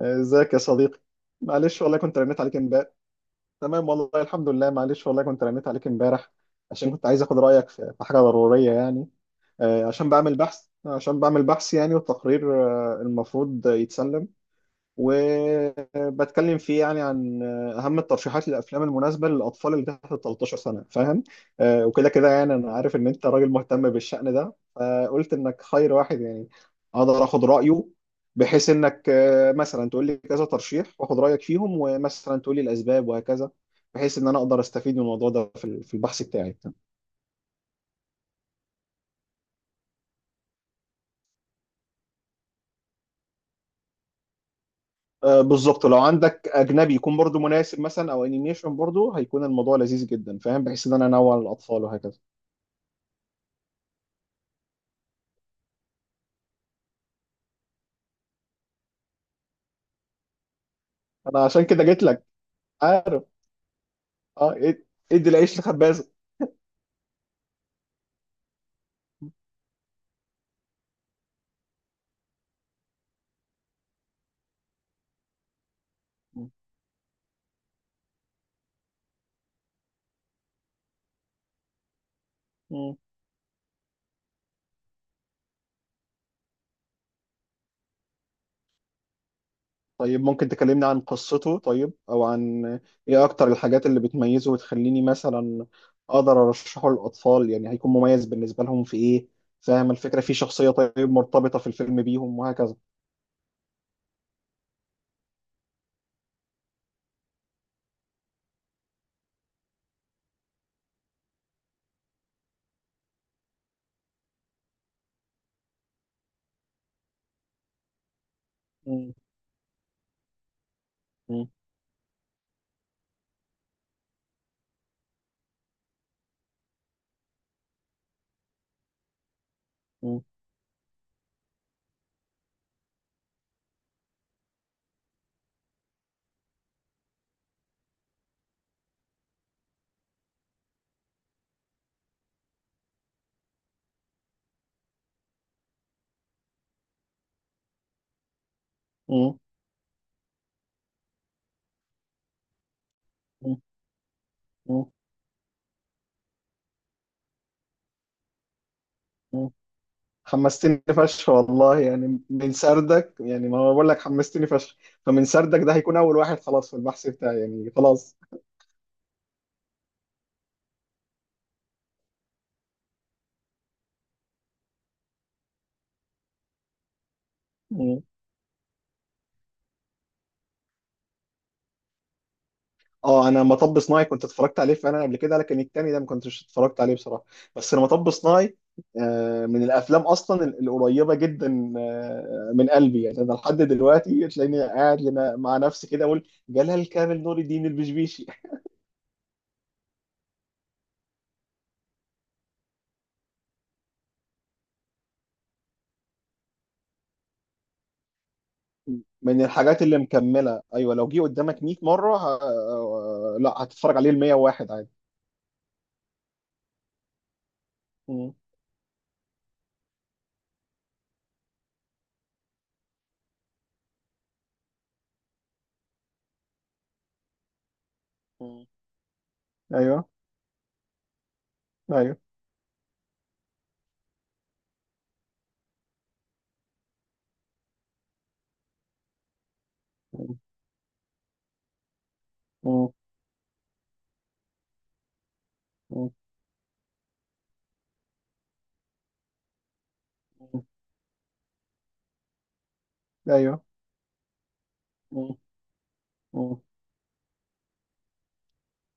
ازيك يا صديقي. معلش والله كنت رنيت عليك امبارح. تمام والله الحمد لله، معلش والله كنت رنيت عليك امبارح عشان كنت عايز اخد رايك في حاجه ضروريه يعني. عشان بعمل بحث يعني والتقرير المفروض يتسلم. وبتكلم فيه يعني عن اهم الترشيحات للافلام المناسبه للاطفال اللي تحت 13 سنه، فاهم؟ وكده كده يعني، انا عارف ان انت راجل مهتم بالشأن ده، فقلت انك خير واحد يعني اقدر اخد رايه، بحيث انك مثلا تقول لي كذا ترشيح واخد رايك فيهم ومثلا تقول لي الاسباب وهكذا، بحيث ان انا اقدر استفيد من الموضوع ده في في البحث بتاعي. بالظبط، لو عندك اجنبي يكون برضو مناسب مثلا، او انيميشن برضو هيكون الموضوع لذيذ جدا، فاهم؟ بحيث ان انا انوع للاطفال وهكذا. انا عشان كده جيت لك، عارف. اه ادي العيش لخبازه. مم. طيب ممكن تكلمني عن قصته طيب، او عن ايه اكتر الحاجات اللي بتميزه وتخليني مثلا اقدر ارشحه للاطفال؟ يعني هيكون مميز بالنسبه لهم في ايه؟ فاهم الفكره؟ في شخصيه طيب مرتبطه في الفيلم بيهم وهكذا. مم. مم. مم. مم. مم. مم. حمستني فشخ والله، يعني من سردك، يعني ما أنا بقول لك حمستني فشخ، فمن سردك ده هيكون اول واحد خلاص في البحث بتاعي، يعني خلاص. اه انا مطب صناعي كنت اتفرجت عليه فعلا قبل كده، لكن التاني ده ما كنتش اتفرجت عليه بصراحه. بس انا مطب صناعي من الافلام اصلا القريبه جدا من قلبي. يعني انا لحد دلوقتي تلاقيني قاعد مع نفسي كده اقول جلال كامل نور الدين البشبيشي. من الحاجات اللي مكمله، ايوه، لو جه قدامك 100 مره ه... آه، لا هتتفرج عليه ال 101 عادي. مم. مم. ايوه، ايوه. مم. مم. مم. ايوه. مم.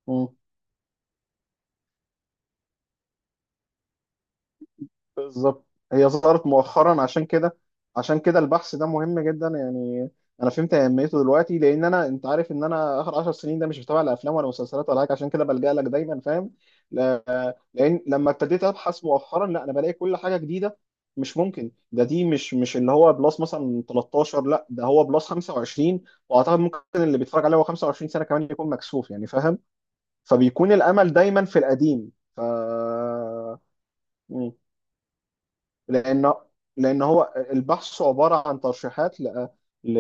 مم. بالظبط. هي ظهرت مؤخرا عشان كده. عشان كده البحث ده مهم جدا يعني. انا فهمت اهميته دلوقتي، لان انا انت عارف ان انا اخر 10 سنين ده مش بتابع لا افلام ولا مسلسلات ولا حاجه، عشان كده بلجأ لك دايما، فاهم؟ لان لما ابتديت ابحث مؤخرا، لا انا بلاقي كل حاجه جديده. مش ممكن ده، دي مش اللي هو بلس مثلا 13، لا ده هو بلس 25. واعتقد ممكن اللي بيتفرج عليه هو 25 سنه كمان يكون مكسوف يعني، فاهم؟ فبيكون الامل دايما في القديم. ف لان لان هو البحث عباره عن ترشيحات ل...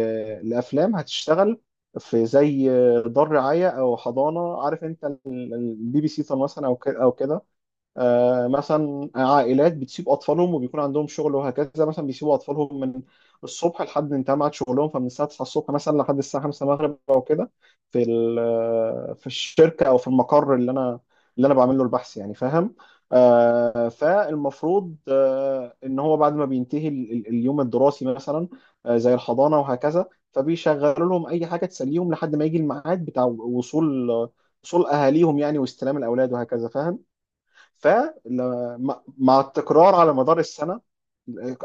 لافلام هتشتغل في زي دار رعايه او حضانه. عارف انت البي بي سي مثلا، او كده او كده. مثلا عائلات بتسيب اطفالهم وبيكون عندهم شغل وهكذا، مثلا بيسيبوا اطفالهم من الصبح لحد انتهى ميعاد شغلهم، فمن الساعه 9 الصبح مثلا لحد الساعه 5 المغرب او كده. في في الشركه او في المقر اللي انا بعمل له البحث، يعني فاهم؟ فالمفروض ان هو بعد ما بينتهي اليوم الدراسي مثلا، زي الحضانه وهكذا، فبيشغلوا لهم اي حاجه تسليهم لحد ما يجي الميعاد بتاع وصول اهاليهم يعني، واستلام الاولاد وهكذا، فاهم؟ فمع التكرار على مدار السنة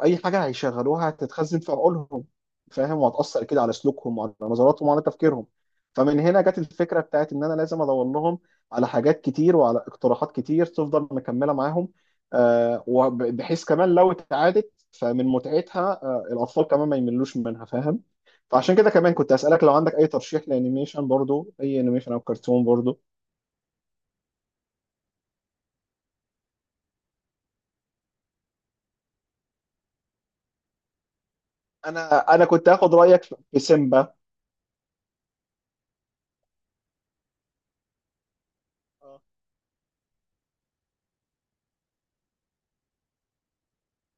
أي حاجة هيشغلوها هتتخزن في عقولهم، فاهم؟ وهتأثر كده على سلوكهم وعلى نظراتهم وعلى تفكيرهم. فمن هنا جت الفكرة بتاعت إن أنا لازم أدور لهم على حاجات كتير وعلى اقتراحات كتير تفضل مكملة معاهم، بحيث كمان لو اتعادت فمن متعتها الأطفال كمان ما يملوش منها، فاهم؟ فعشان كده كمان كنت أسألك لو عندك أي ترشيح لأنيميشن، برضو أي أنيميشن أو كرتون برضو. أنا كنت هاخد رأيك في سيمبا.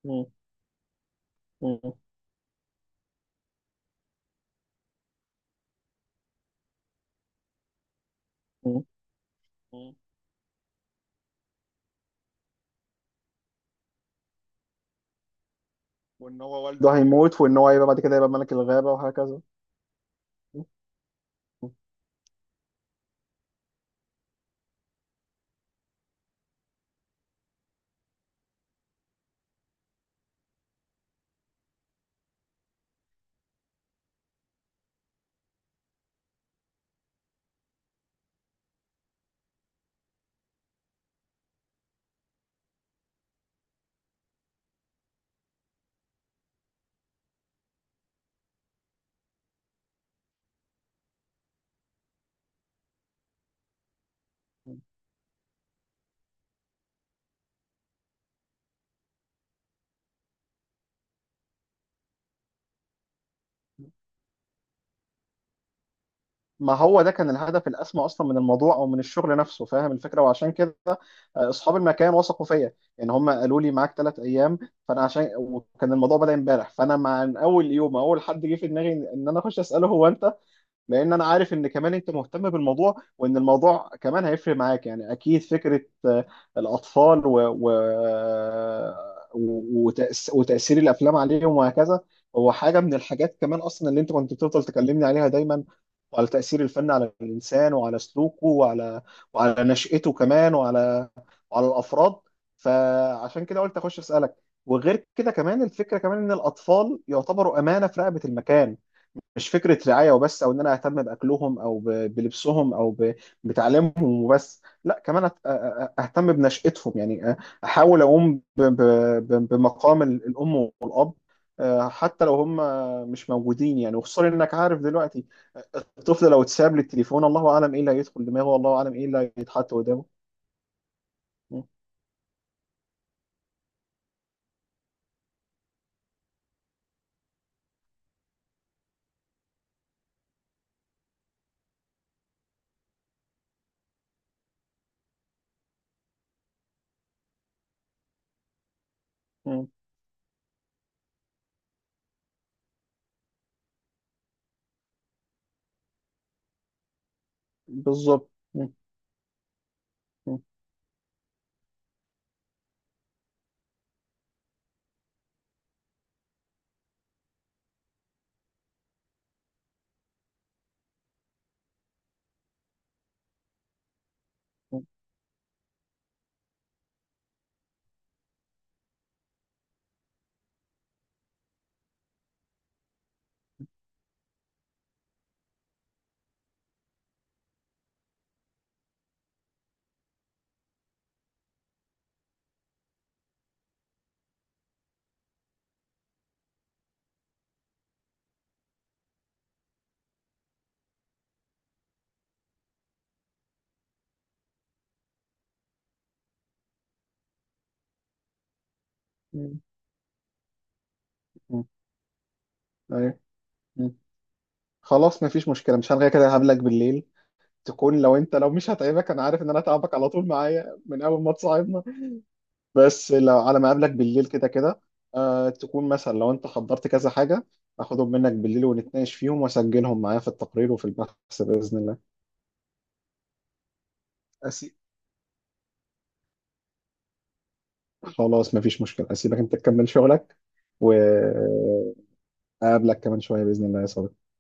مم. مم. مم. مم. وان هو والده ده هيموت هيموت، وان هو هيبقى بعد كده يبقى ملك الغابة وهكذا. مم. مم. ما هو ده كان الهدف الأسمى أصلا من الموضوع أو من الشغل نفسه، فاهم الفكرة؟ وعشان كده أصحاب المكان وثقوا فيا، يعني هم قالوا لي معاك 3 أيام. فأنا عشان وكان الموضوع بدأ امبارح، فأنا مع من أول يوم أول حد جه في دماغي إن أنا أخش أسأله هو أنت، لان انا عارف ان كمان انت مهتم بالموضوع، وان الموضوع كمان هيفرق معاك يعني اكيد فكره آه، الاطفال وتاثير الافلام عليهم وهكذا. هو حاجه من الحاجات كمان اصلا اللي انت كنت بتفضل تكلمني عليها دايما، وعلى تاثير الفن على الانسان وعلى سلوكه وعلى نشأته كمان وعلى الافراد. فعشان كده قلت اخش اسالك. وغير كده كمان الفكره كمان ان الاطفال يعتبروا امانه في رقبه المكان، مش فكرة رعاية وبس أو إن أنا أهتم بأكلهم بلبسهم بتعليمهم وبس، لا كمان أهتم بنشأتهم يعني، أحاول أقوم بمقام الأم والأب، حتى لو هم مش موجودين يعني. وخصوصا إنك عارف دلوقتي الطفل لو اتساب للتليفون، الله أعلم إيه اللي هيدخل دماغه، والله أعلم إيه اللي هيتحط قدامه. م- م- بالظبط. م- م- م- م- أيوه. م. خلاص مفيش مشكلة، مش هلغي كده، هقابلك بالليل. تكون لو انت لو مش هتعبك، انا عارف ان انا هتعبك على طول معايا من اول ما تصاحبنا، بس لو على ما اقابلك بالليل كده كده، آه تكون مثلا لو انت حضرت كذا حاجه اخدهم منك بالليل ونتناقش فيهم واسجلهم معايا في التقرير وفي البحث باذن الله. أسي... خلاص مفيش مشكله، اسيبك انت تكمل شغلك، واقابلك كمان شويه باذن الله يا صديقي.